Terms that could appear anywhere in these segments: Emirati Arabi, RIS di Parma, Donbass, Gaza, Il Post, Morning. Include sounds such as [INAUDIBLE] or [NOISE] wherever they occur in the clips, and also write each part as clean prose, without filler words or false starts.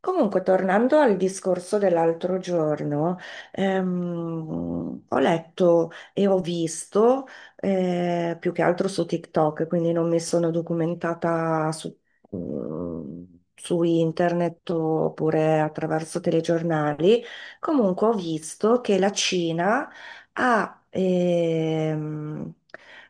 Comunque, tornando al discorso dell'altro giorno, ho letto e ho visto più che altro su TikTok, quindi non mi sono documentata su, mm, su internet oppure attraverso telegiornali. Comunque, ho visto che la Cina ha, ehm,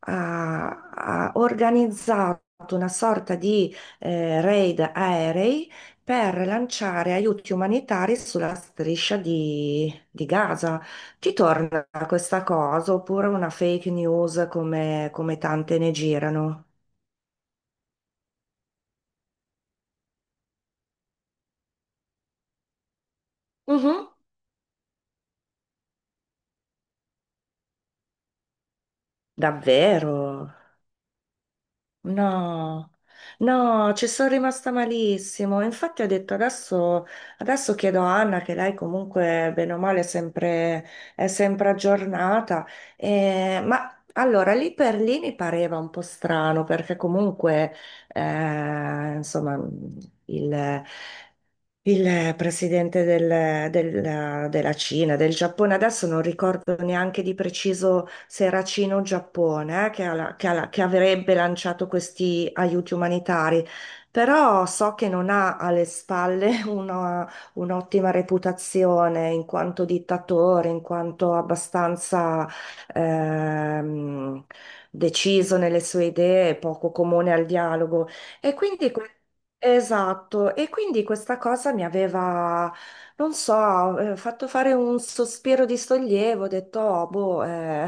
ha organizzato una sorta di raid aerei per lanciare aiuti umanitari sulla striscia di Gaza. Ti torna questa cosa oppure una fake news come, come tante ne girano? Mhm. Davvero? No, no, ci sono rimasta malissimo. Infatti ho detto adesso chiedo a Anna, che lei comunque bene o male è sempre aggiornata. Ma allora lì per lì mi pareva un po' strano perché comunque insomma il, il presidente della Cina, del Giappone, adesso non ricordo neanche di preciso se era Cina o Giappone, che, che avrebbe lanciato questi aiuti umanitari, però so che non ha alle spalle [LAUGHS] un'ottima reputazione in quanto dittatore, in quanto abbastanza ehm, deciso nelle sue idee, poco comune al dialogo. E quindi esatto, e quindi questa cosa mi aveva, non so, fatto fare un sospiro di sollievo, ho detto, "Oh, boh, eh,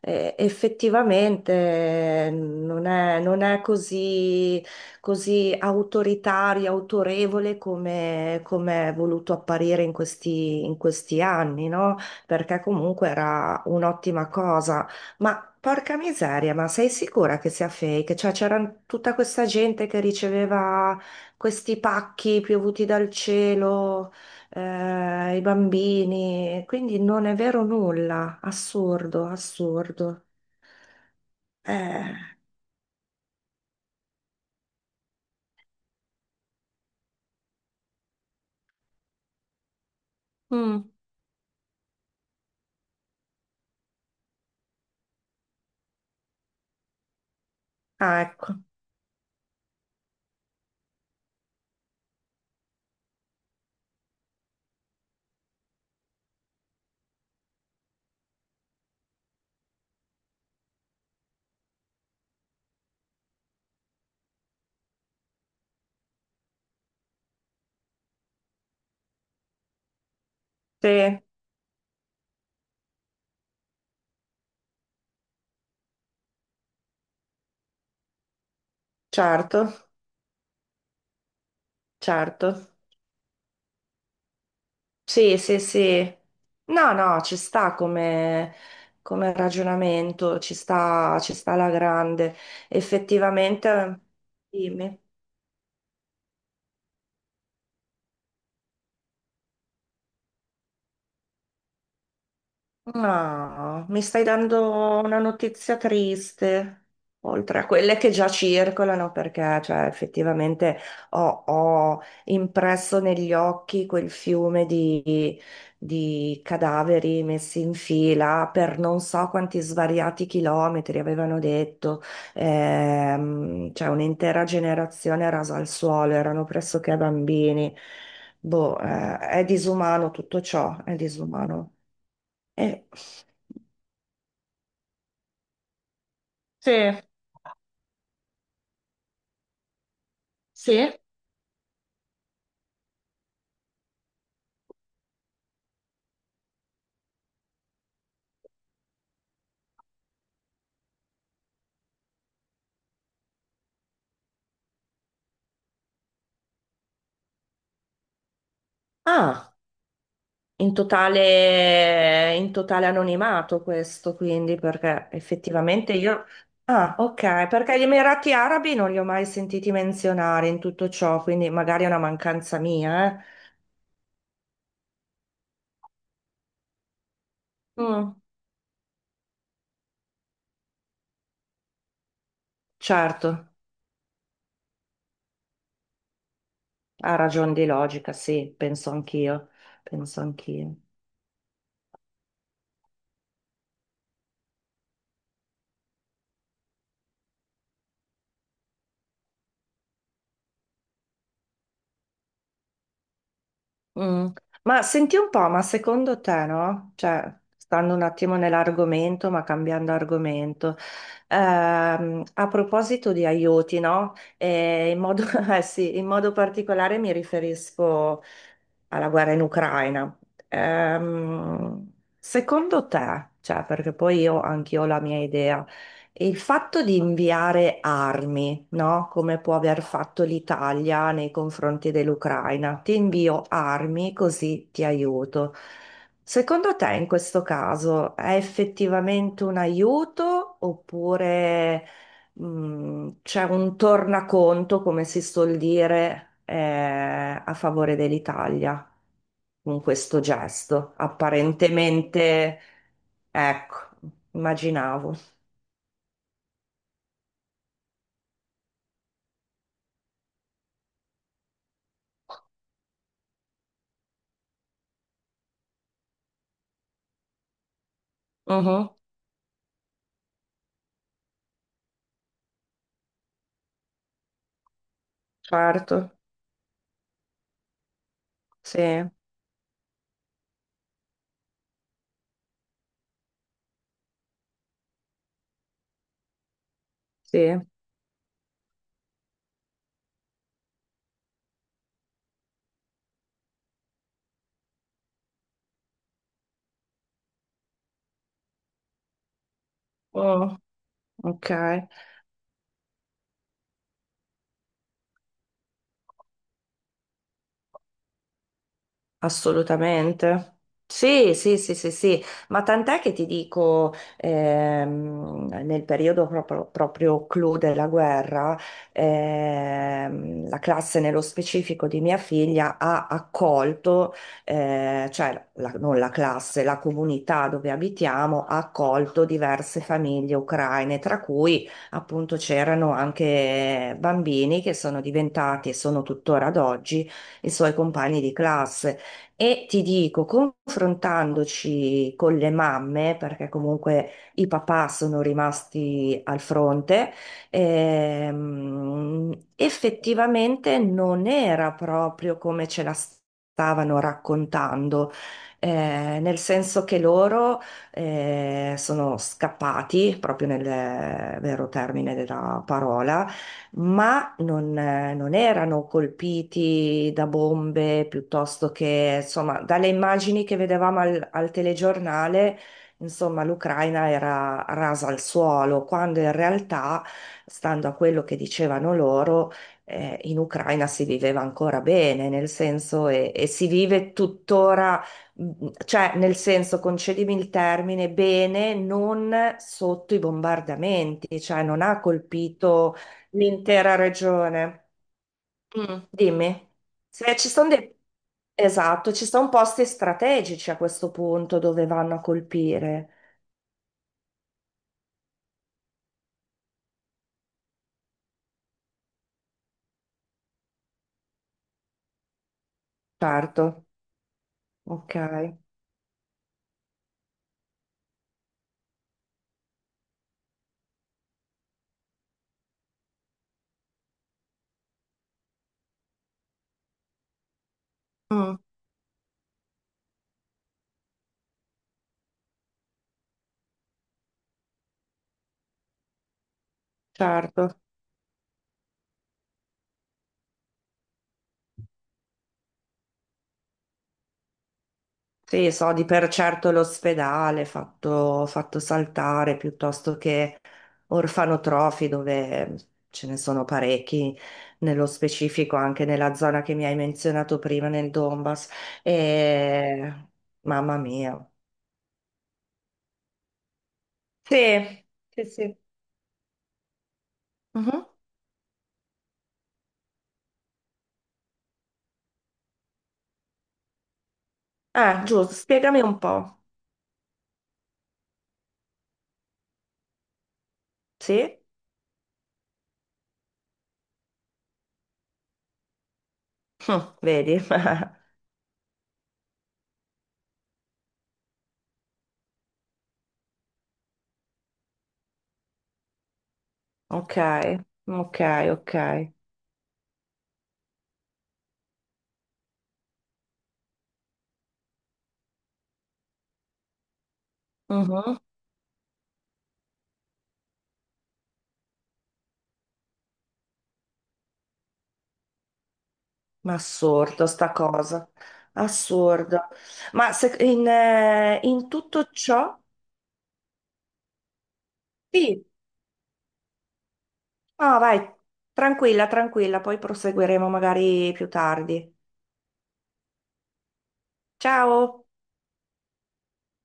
eh, effettivamente non è così, così autoritario, autorevole come, come è voluto apparire in questi anni, no? Perché comunque era un'ottima cosa. Ma porca miseria, ma sei sicura che sia fake? Cioè, c'era tutta questa gente che riceveva questi pacchi piovuti dal cielo, i bambini, quindi non è vero nulla, assurdo, assurdo. Eh, mm. Ah, ecco, sì, certo, certo. Sì, sì, sì. No, no, ci sta come, come ragionamento, ci sta alla grande. Effettivamente, dimmi. No, mi stai dando una notizia triste, oltre a quelle che già circolano, perché cioè, effettivamente ho impresso negli occhi quel di cadaveri messi in fila per non so quanti svariati chilometri, avevano detto. Cioè un'intera generazione rasa al suolo, erano pressoché bambini. Boh, è disumano tutto ciò, è disumano. Eh, Sì, sì. Ah, in totale anonimato questo, quindi, perché effettivamente io... Ah, ok, perché gli Emirati Arabi non li ho mai sentiti menzionare in tutto ciò, quindi magari è una mancanza mia, eh. Mm. Certo, ha ragione di logica, sì, penso anch'io. Mm. Ma senti un po', ma secondo te, no? Cioè, stando un attimo nell'argomento, ma cambiando argomento, a proposito di aiuti, no? E in modo, [LAUGHS] eh sì, in modo particolare mi riferisco alla guerra in Ucraina. Ehm, Secondo te, cioè, perché poi io anch'io ho la mia idea. Il fatto di inviare armi, no? Come può aver fatto l'Italia nei confronti dell'Ucraina, ti invio armi così ti aiuto. Secondo te in questo caso è effettivamente un aiuto oppure c'è un tornaconto, come si suol dire, a favore dell'Italia con questo gesto? Apparentemente, ecco, immaginavo. Mhm. Certo, sì, sì. Oh, ok. Assolutamente. Sì, sì, sì, sì, sì, ma tant'è che ti dico, nel periodo proprio clou della guerra, la classe nello specifico di mia figlia ha accolto, cioè non la classe, la comunità dove abitiamo ha accolto diverse famiglie ucraine, tra cui appunto c'erano anche bambini che sono diventati e sono tuttora ad oggi i suoi compagni di classe. E ti dico, confrontandoci con le mamme, perché comunque i papà sono rimasti al fronte, effettivamente non era proprio come ce la stavano raccontando, nel senso che loro sono scappati, proprio nel vero termine della parola, ma non, non erano colpiti da bombe piuttosto che, insomma, dalle immagini che vedevamo al telegiornale, insomma, l'Ucraina era rasa al suolo, quando in realtà, stando a quello che dicevano loro, in Ucraina si viveva ancora bene, nel senso, e si vive tuttora, cioè, nel senso, concedimi il termine, bene, non sotto i bombardamenti, cioè non ha colpito l'intera regione. Mm. Dimmi, se ci sono dei... Esatto, ci sono posti strategici a questo punto dove vanno a colpire. Certo, ok, mm, certo. Sì, so di per certo l'ospedale fatto saltare piuttosto che orfanotrofi dove ce ne sono parecchi, nello specifico anche nella zona che mi hai menzionato prima, nel Donbass. E... Mamma mia. Sì, sì, sì. Mhm. Ah, giusto, spiegami un po'. Sì? Hm, vedi? [LAUGHS] Ok, ok, ok. Mhm. Ma assurdo sta cosa. Assurdo. Ma in tutto ciò? Sì. Ah, vai, tranquilla, tranquilla, poi proseguiremo magari più tardi. Ciao!